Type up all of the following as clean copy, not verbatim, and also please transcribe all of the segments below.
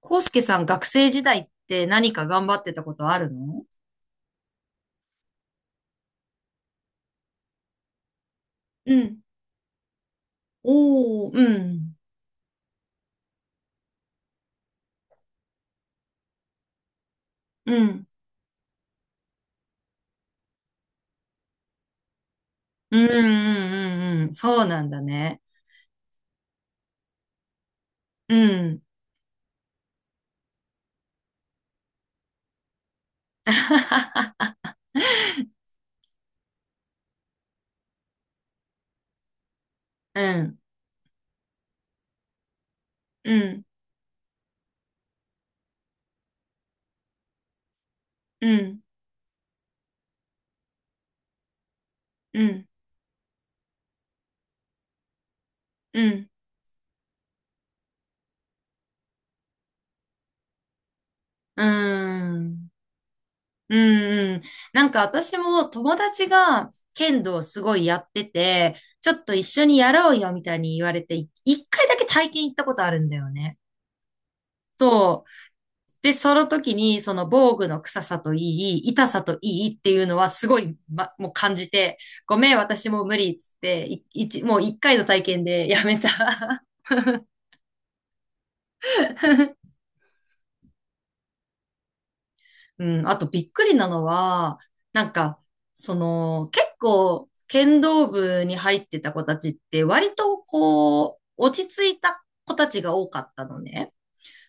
コウスケさん、学生時代って何か頑張ってたことあるの？うん。おー、うん、うん、うん、うん、うん、うんそうなんだね。うん。うん、うん、うん、うん、うん、うーん、うん、うん。なんか私も友達が剣道すごいやってて、ちょっと一緒にやろうよみたいに言われて、一回だけ体験行ったことあるんだよね。そう。で、その時に、その防具の臭さといい、痛さといいっていうのはすごい、もう感じて、ごめん、私もう無理っつって、もう一回の体験でやめた。うん、あとびっくりなのは、なんか、結構、剣道部に入ってた子たちって割とこう、落ち着いた子たちが多かったのね。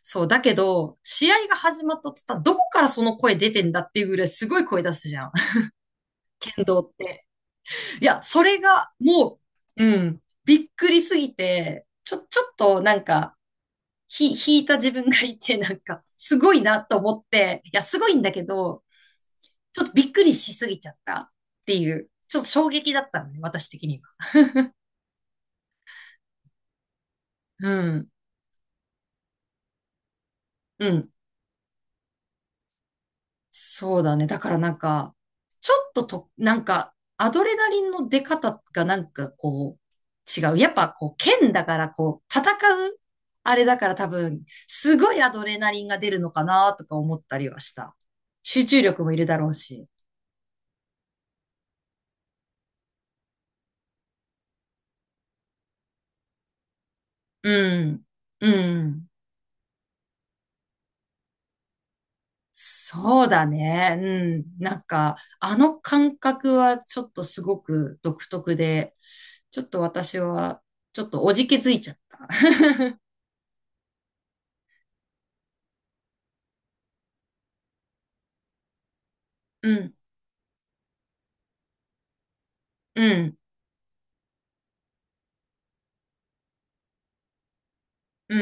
そう、だけど、試合が始まった途端、どこからその声出てんだっていうぐらいすごい声出すじゃん。剣道って。いや、それがもううん。びっくりすぎて、ちょっとなんか、引いた自分がいて、なんか、すごいなと思って、いや、すごいんだけど、ちょっとびっくりしすぎちゃったっていう、ちょっと衝撃だったのね、私的には。うん。うん。そうだね。だからなんか、ちょっとと、なんか、アドレナリンの出方がなんかこう、違う。やっぱこう、剣だからこう、う、あれだから多分、すごいアドレナリンが出るのかなとか思ったりはした。集中力もいるだろうし。うん。うん。そうだね。うん。なんか、あの感覚はちょっとすごく独特で、ちょっと私は、ちょっとおじけづいちゃった。うん。うん、う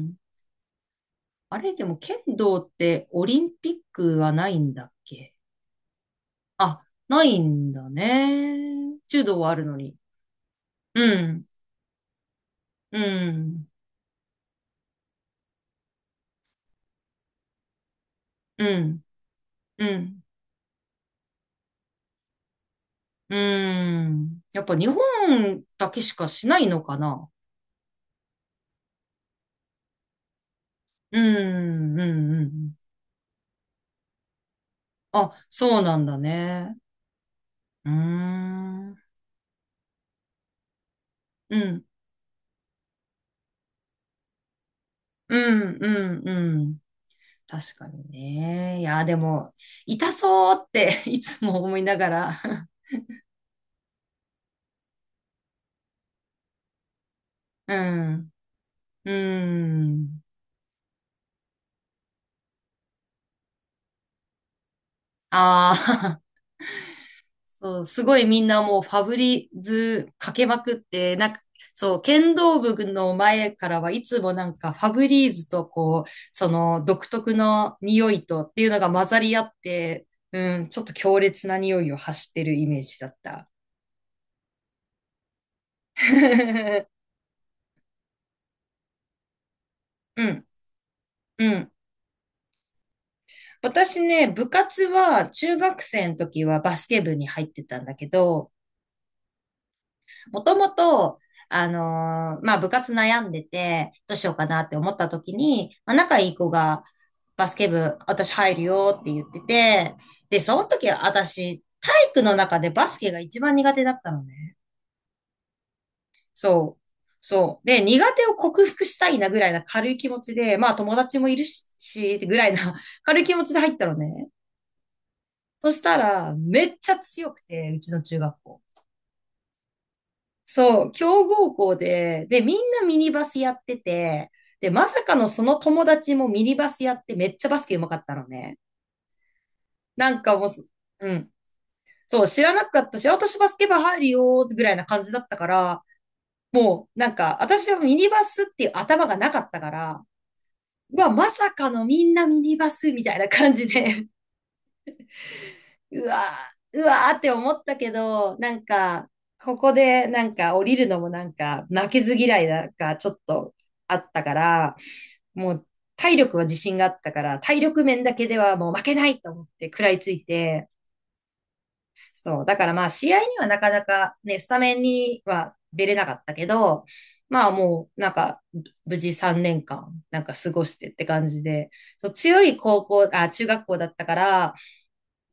ん。あれ、でも剣道ってオリンピックはないんだっけ？あ、ないんだね。柔道はあるのに。うん、うん、うん、うん、うん。やっぱ日本だけしかしないのかな？うん、うん、うん。あ、そうなんだね。うーん、うん、うん、うん、うん。確かにね。いや、でも、痛そうって いつも思いながら。うん。うん。ああ、そう、すごいみんなもうファブリーズかけまくって、なんか、そう、剣道部の前からはいつもなんかファブリーズとこう、その独特の匂いとっていうのが混ざり合って、うん、ちょっと強烈な匂いを発してるイメージだった。うん、うん。私ね、部活は中学生の時はバスケ部に入ってたんだけど、もともと、まあ、部活悩んでて、どうしようかなって思った時に、まあ、仲いい子が、バスケ部、私入るよって言ってて、で、その時私、体育の中でバスケが一番苦手だったのね。そう。そう。で、苦手を克服したいなぐらいな軽い気持ちで、まあ友達もいるし、ぐらいな 軽い気持ちで入ったのね。そしたら、めっちゃ強くて、うちの中学校。そう、強豪校で、で、みんなミニバスやってて、で、まさかのその友達もミニバスやってめっちゃバスケ上手かったのね。なんかもうす、うん。そう、知らなかったし、あ私バスケ部入るよ、ぐらいな感じだったから、なんか、私はミニバスっていう頭がなかったから、うわ、まさかのみんなミニバスみたいな感じで。うわうわーって思ったけど、なんか、ここでなんか降りるのもなんか負けず嫌いなんかちょっとあったから、もう体力は自信があったから、体力面だけではもう負けないと思って食らいついて、そう。だからまあ試合にはなかなかね、スタメンには出れなかったけど、まあもうなんか無事3年間なんか過ごしてって感じで、そう強い高校、あ、中学校だったから、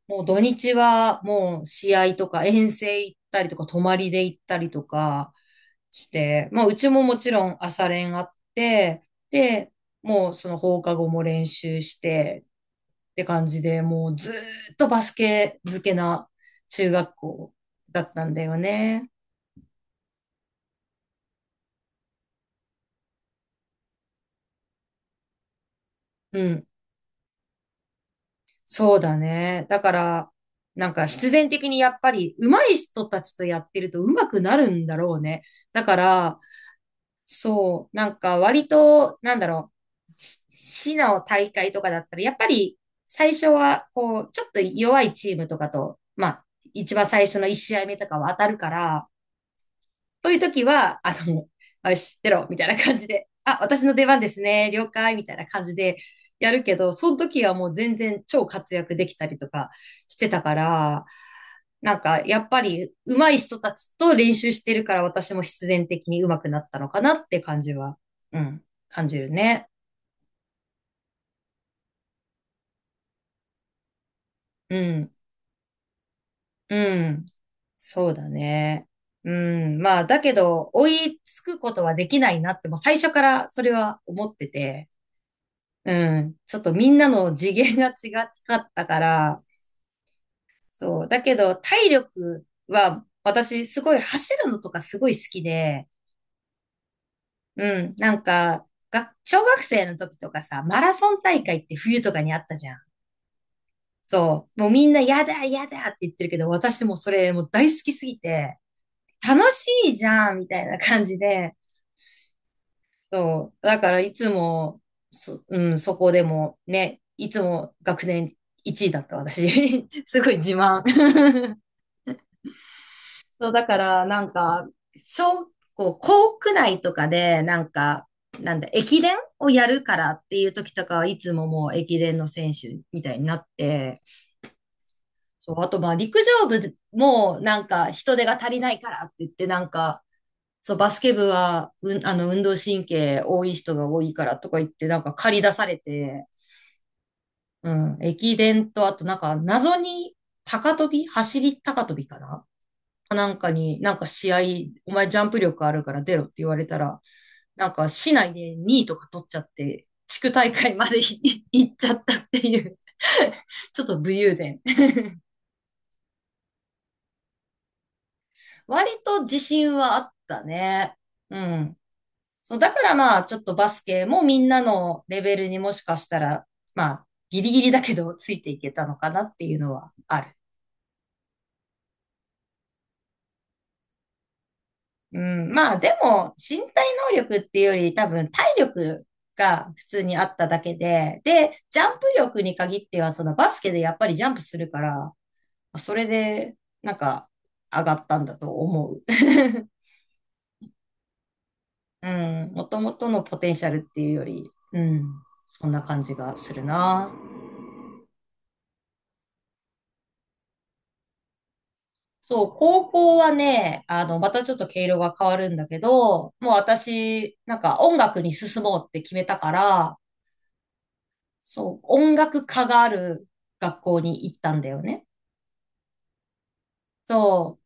もう土日はもう試合とか遠征行ったりとか泊まりで行ったりとかして、まあうちももちろん朝練あって、で、もうその放課後も練習してって感じで、もうずーっとバスケ漬けな中学校だったんだよね。うん。そうだね。だから、なんか必然的にやっぱり上手い人たちとやってると上手くなるんだろうね。だから、そう、なんか割と、なんだろう、市の大会とかだったら、やっぱり最初は、こう、ちょっと弱いチームとかと、まあ、一番最初の1試合目とかは当たるから、そういう時は、よし、出ろ、みたいな感じで、あ、私の出番ですね、了解、みたいな感じでやるけど、その時はもう全然超活躍できたりとかしてたから、なんか、やっぱり、上手い人たちと練習してるから、私も必然的に上手くなったのかなって感じは、うん、感じるね。うん、うん。そうだね。うん、まあ、だけど、追いつくことはできないなって、もう最初からそれは思ってて、うん。ちょっとみんなの次元が違かったから、そう。だけど、体力は、私、すごい走るのとかすごい好きで、うん。なんか、小学生の時とかさ、マラソン大会って冬とかにあったじゃん。そう。もうみんな、やだ、やだって言ってるけど、私もそれもう大好きすぎて、楽しいじゃん、みたいな感じで、そう。だからいつも、うん、そこでもね、いつも学年1位だった私。すごい自慢。そう、だからなんか、小、こう、校区内とかで、なんか、なんだ、駅伝をやるからっていう時とかはいつももう駅伝の選手みたいになって、そう、あとまあ陸上部もなんか人手が足りないからって言ってなんか、そう、バスケ部は、うん、あの、運動神経多い人が多いからとか言って、なんか駆り出されて、うん、駅伝と、あとなんか、謎に、高跳び走り高跳びかな、なんかに、なんか試合、お前ジャンプ力あるから出ろって言われたら、なんか市内で2位とか取っちゃって、地区大会まで 行っちゃったっていう ちょっと武勇伝。割と自信はあったね。うん。そう、だからまあ、ちょっとバスケもみんなのレベルにもしかしたら、まあ、ギリギリだけどついていけたのかなっていうのはある。うん、まあ、でも、身体能力っていうより多分体力が普通にあっただけで、で、ジャンプ力に限っては、そのバスケでやっぱりジャンプするから、それで、なんか、上がったんだと思う。うん、もともとのポテンシャルっていうより、うん、そんな感じがするな。そう、高校はね、あの、またちょっと毛色が変わるんだけど、もう私、なんか音楽に進もうって決めたから、そう、音楽科がある学校に行ったんだよね。そ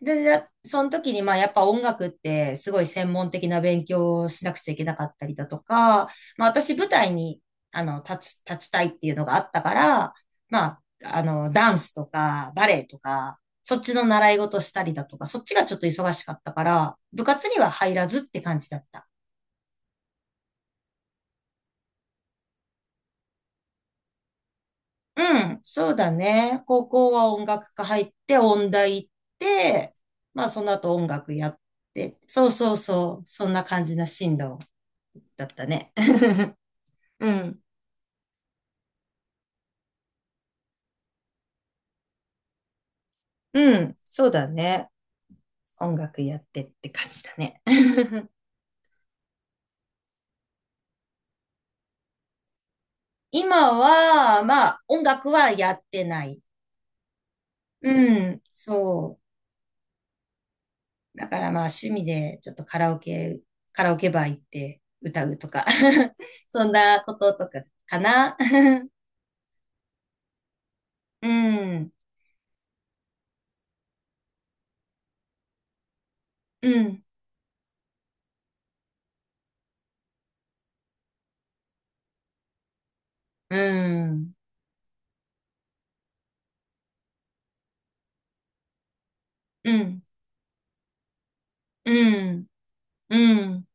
う。でその時に、まあ、やっぱ音楽って、すごい専門的な勉強をしなくちゃいけなかったりだとか、まあ、私、舞台に、あの、立ちたいっていうのがあったから、まあ、あの、ダンスとか、バレエとか、そっちの習い事したりだとか、そっちがちょっと忙しかったから、部活には入らずって感じだった。うん、そうだね。高校は音楽科入って、音大行って、まあ、その後音楽やって、そうそうそう、そんな感じな進路だったね。うん。うん。そうだね。音楽やってって感じだね。今は、まあ、音楽はやってない。うん。そう。だからまあ、趣味でちょっとカラオケバー行って歌うとか そんなこととかかな。うん。うん。うん。うん。うん。うん。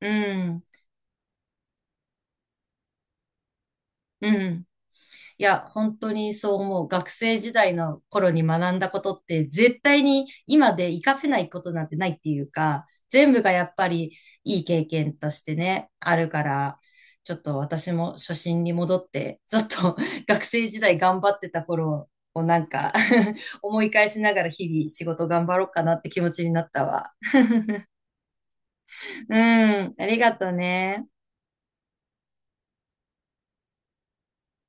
うん。うん。いや、本当にそう思う。学生時代の頃に学んだことって絶対に今で活かせないことなんてないっていうか、全部がやっぱりいい経験としてね、あるから、ちょっと私も初心に戻って、ちょっと 学生時代頑張ってた頃をなんか 思い返しながら日々仕事頑張ろうかなって気持ちになったわ。うん、ありがとね。